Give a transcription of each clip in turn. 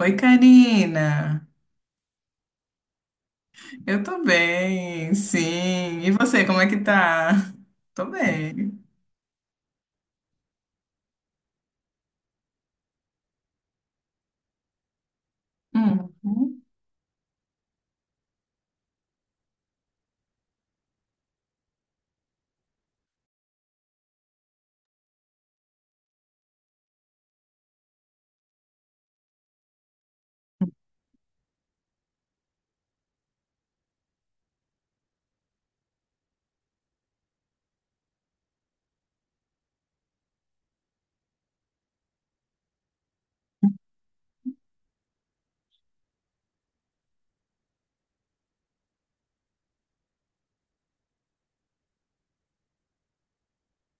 Oi, Karina. Eu tô bem, sim. E você, como é que tá? Tô bem. Hum.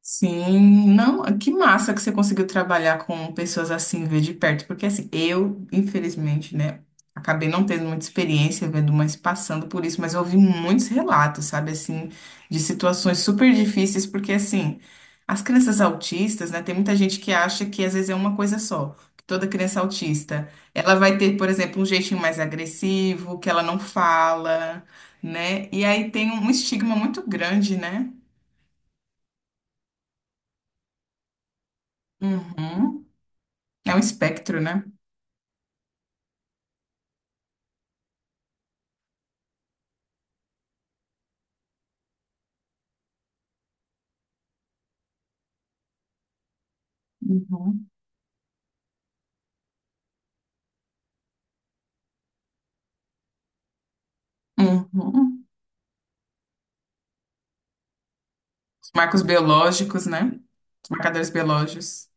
Sim, não, que massa que você conseguiu trabalhar com pessoas assim, ver de perto, porque assim, eu, infelizmente, né, acabei não tendo muita experiência, vendo mães passando por isso, mas eu ouvi muitos relatos, sabe, assim, de situações super difíceis, porque assim, as crianças autistas, né, tem muita gente que acha que às vezes é uma coisa só, que toda criança autista, ela vai ter, por exemplo, um jeitinho mais agressivo, que ela não fala, né, e aí tem um estigma muito grande, né? Uhum. É um espectro, né? Uhum. Uhum. Os marcos biológicos, né? Os marcadores biológicos.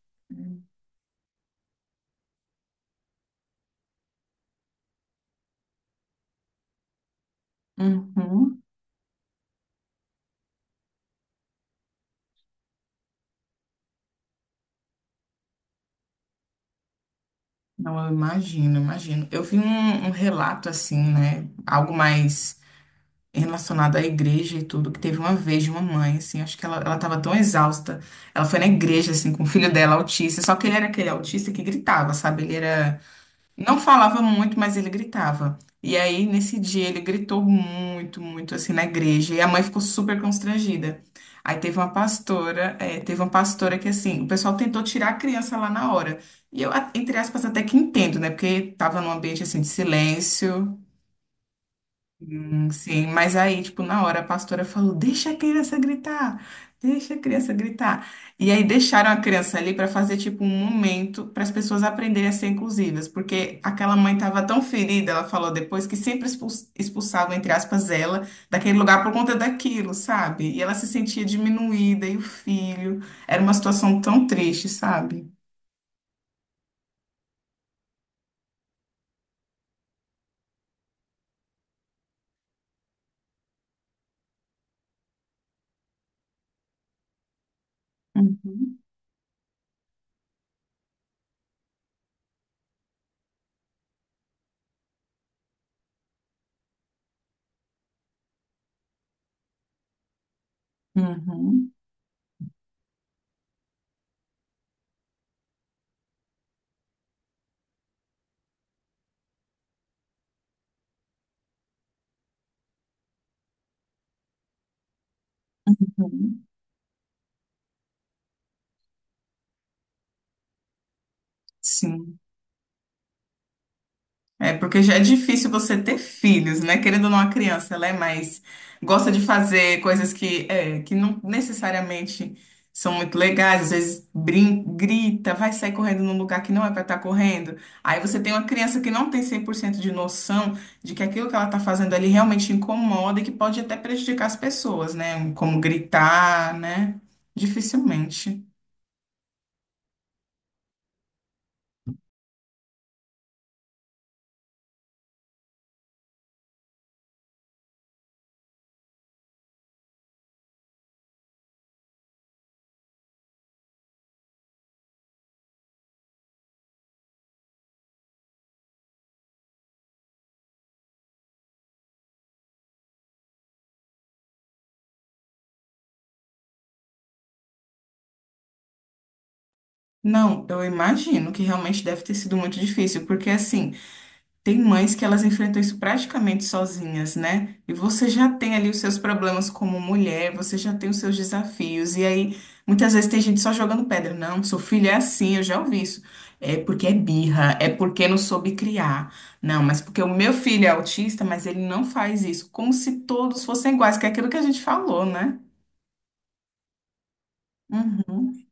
Uhum. Não, eu imagino, imagino. Eu vi um relato assim, né? Algo mais relacionado à igreja e tudo, que teve uma vez de uma mãe, assim, acho que ela tava tão exausta. Ela foi na igreja, assim, com o filho dela, autista, só que ele era aquele autista que gritava, sabe? Ele era. Não falava muito, mas ele gritava. E aí, nesse dia, ele gritou muito, muito, assim, na igreja. E a mãe ficou super constrangida. Aí teve uma pastora que, assim, o pessoal tentou tirar a criança lá na hora. E eu, entre aspas, até que entendo, né? Porque tava num ambiente, assim, de silêncio. Sim, mas aí, tipo, na hora a pastora falou: deixa a criança gritar, deixa a criança gritar. E aí deixaram a criança ali para fazer, tipo, um momento para as pessoas aprenderem a ser inclusivas, porque aquela mãe estava tão ferida, ela falou depois, que sempre expulsavam, entre aspas, ela daquele lugar por conta daquilo, sabe? E ela se sentia diminuída, e o filho. Era uma situação tão triste, sabe? Uhum, uhum, uhum. Sim. É porque já é difícil você ter filhos, né? Querendo ou não, a criança, ela é mais. Gosta de fazer coisas que, é, que não necessariamente são muito legais, às vezes brin grita, vai sair correndo num lugar que não é para estar correndo. Aí você tem uma criança que não tem 100% de noção de que aquilo que ela está fazendo ali realmente incomoda e que pode até prejudicar as pessoas, né? Como gritar, né? Dificilmente. Não, eu imagino que realmente deve ter sido muito difícil, porque assim. Tem mães que elas enfrentam isso praticamente sozinhas, né? E você já tem ali os seus problemas como mulher, você já tem os seus desafios. E aí, muitas vezes tem gente só jogando pedra. Não, seu filho é assim, eu já ouvi isso. É porque é birra, é porque não soube criar. Não, mas porque o meu filho é autista, mas ele não faz isso. Como se todos fossem iguais, que é aquilo que a gente falou, né? Uhum.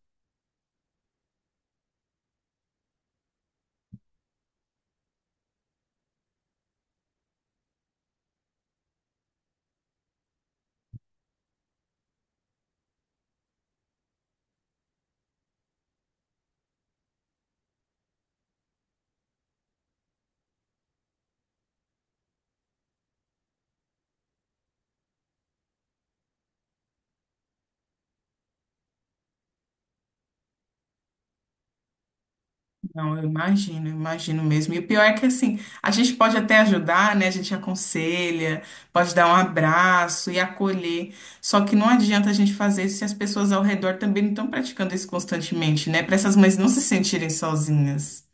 Não, eu imagino mesmo. E o pior é que assim, a gente pode até ajudar, né? A gente aconselha, pode dar um abraço e acolher. Só que não adianta a gente fazer isso se as pessoas ao redor também não estão praticando isso constantemente, né? Para essas mães não se sentirem sozinhas.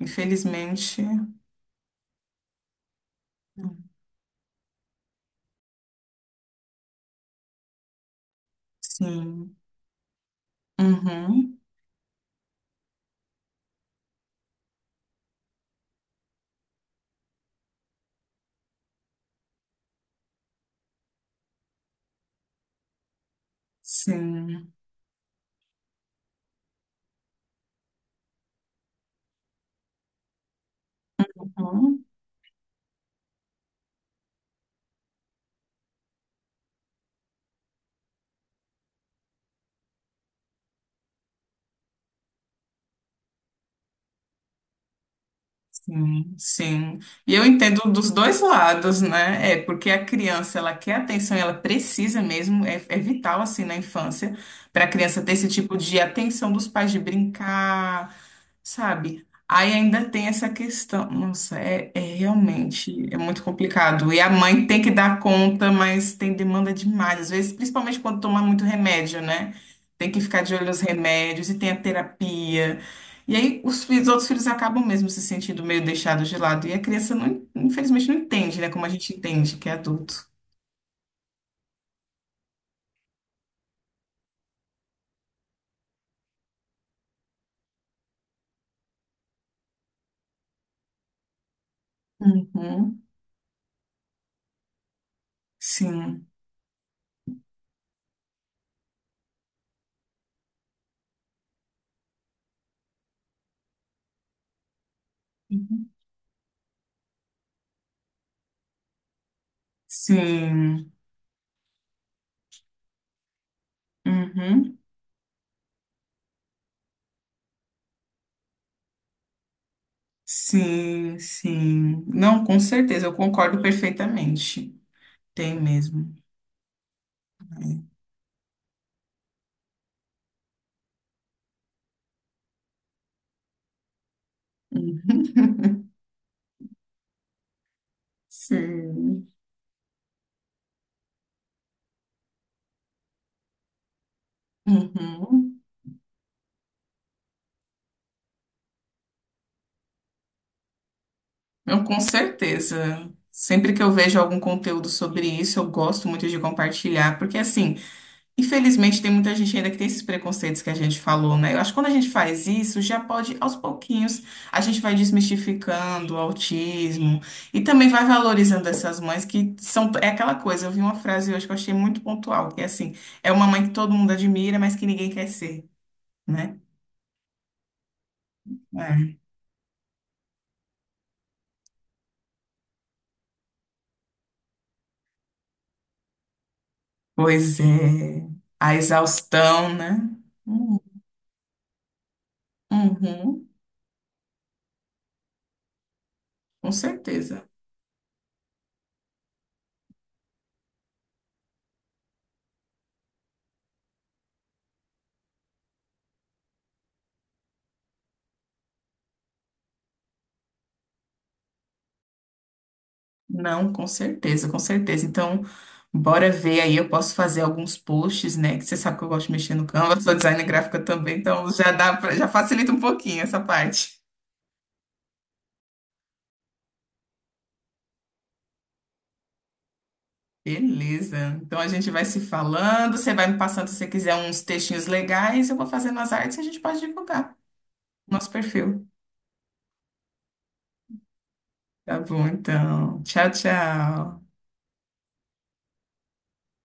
Infelizmente, sim. Uhum, sim. Uhum. Sim, sim. E eu entendo dos dois lados, né? É porque a criança ela quer atenção, e ela precisa mesmo, é vital assim na infância para a criança ter esse tipo de atenção dos pais de brincar, sabe? Aí ainda tem essa questão, nossa, é realmente é muito complicado. E a mãe tem que dar conta, mas tem demanda demais, às vezes, principalmente quando toma muito remédio, né? Tem que ficar de olho nos remédios e tem a terapia. E aí os outros filhos acabam mesmo se sentindo meio deixados de lado. E a criança, não, infelizmente, não entende, né? Como a gente entende que é adulto. Uhum. Sim. Uhum. Sim. Uhum. Sim, sim. Não, com certeza, eu concordo perfeitamente. Tem mesmo. É. Uhum. Sim. Uhum. Não, com certeza. Sempre que eu vejo algum conteúdo sobre isso, eu gosto muito de compartilhar, porque assim. Infelizmente, tem muita gente ainda que tem esses preconceitos que a gente falou, né? Eu acho que quando a gente faz isso, já pode, aos pouquinhos, a gente vai desmistificando o autismo e também vai valorizando essas mães que são. É aquela coisa, eu vi uma frase hoje que eu achei muito pontual, que é assim: é uma mãe que todo mundo admira, mas que ninguém quer ser, né? É. Pois é, a exaustão, né? Hum, uhum, com certeza. Não, com certeza, com certeza. Então, bora ver aí. Eu posso fazer alguns posts, né? Que você sabe que eu gosto de mexer no Canva, sou designer gráfica também, então já dá pra, já facilita um pouquinho essa parte. Beleza. Então a gente vai se falando. Você vai me passando, se você quiser, uns textinhos legais, eu vou fazendo as artes e a gente pode divulgar nosso perfil. Tá bom, então. Tchau, tchau.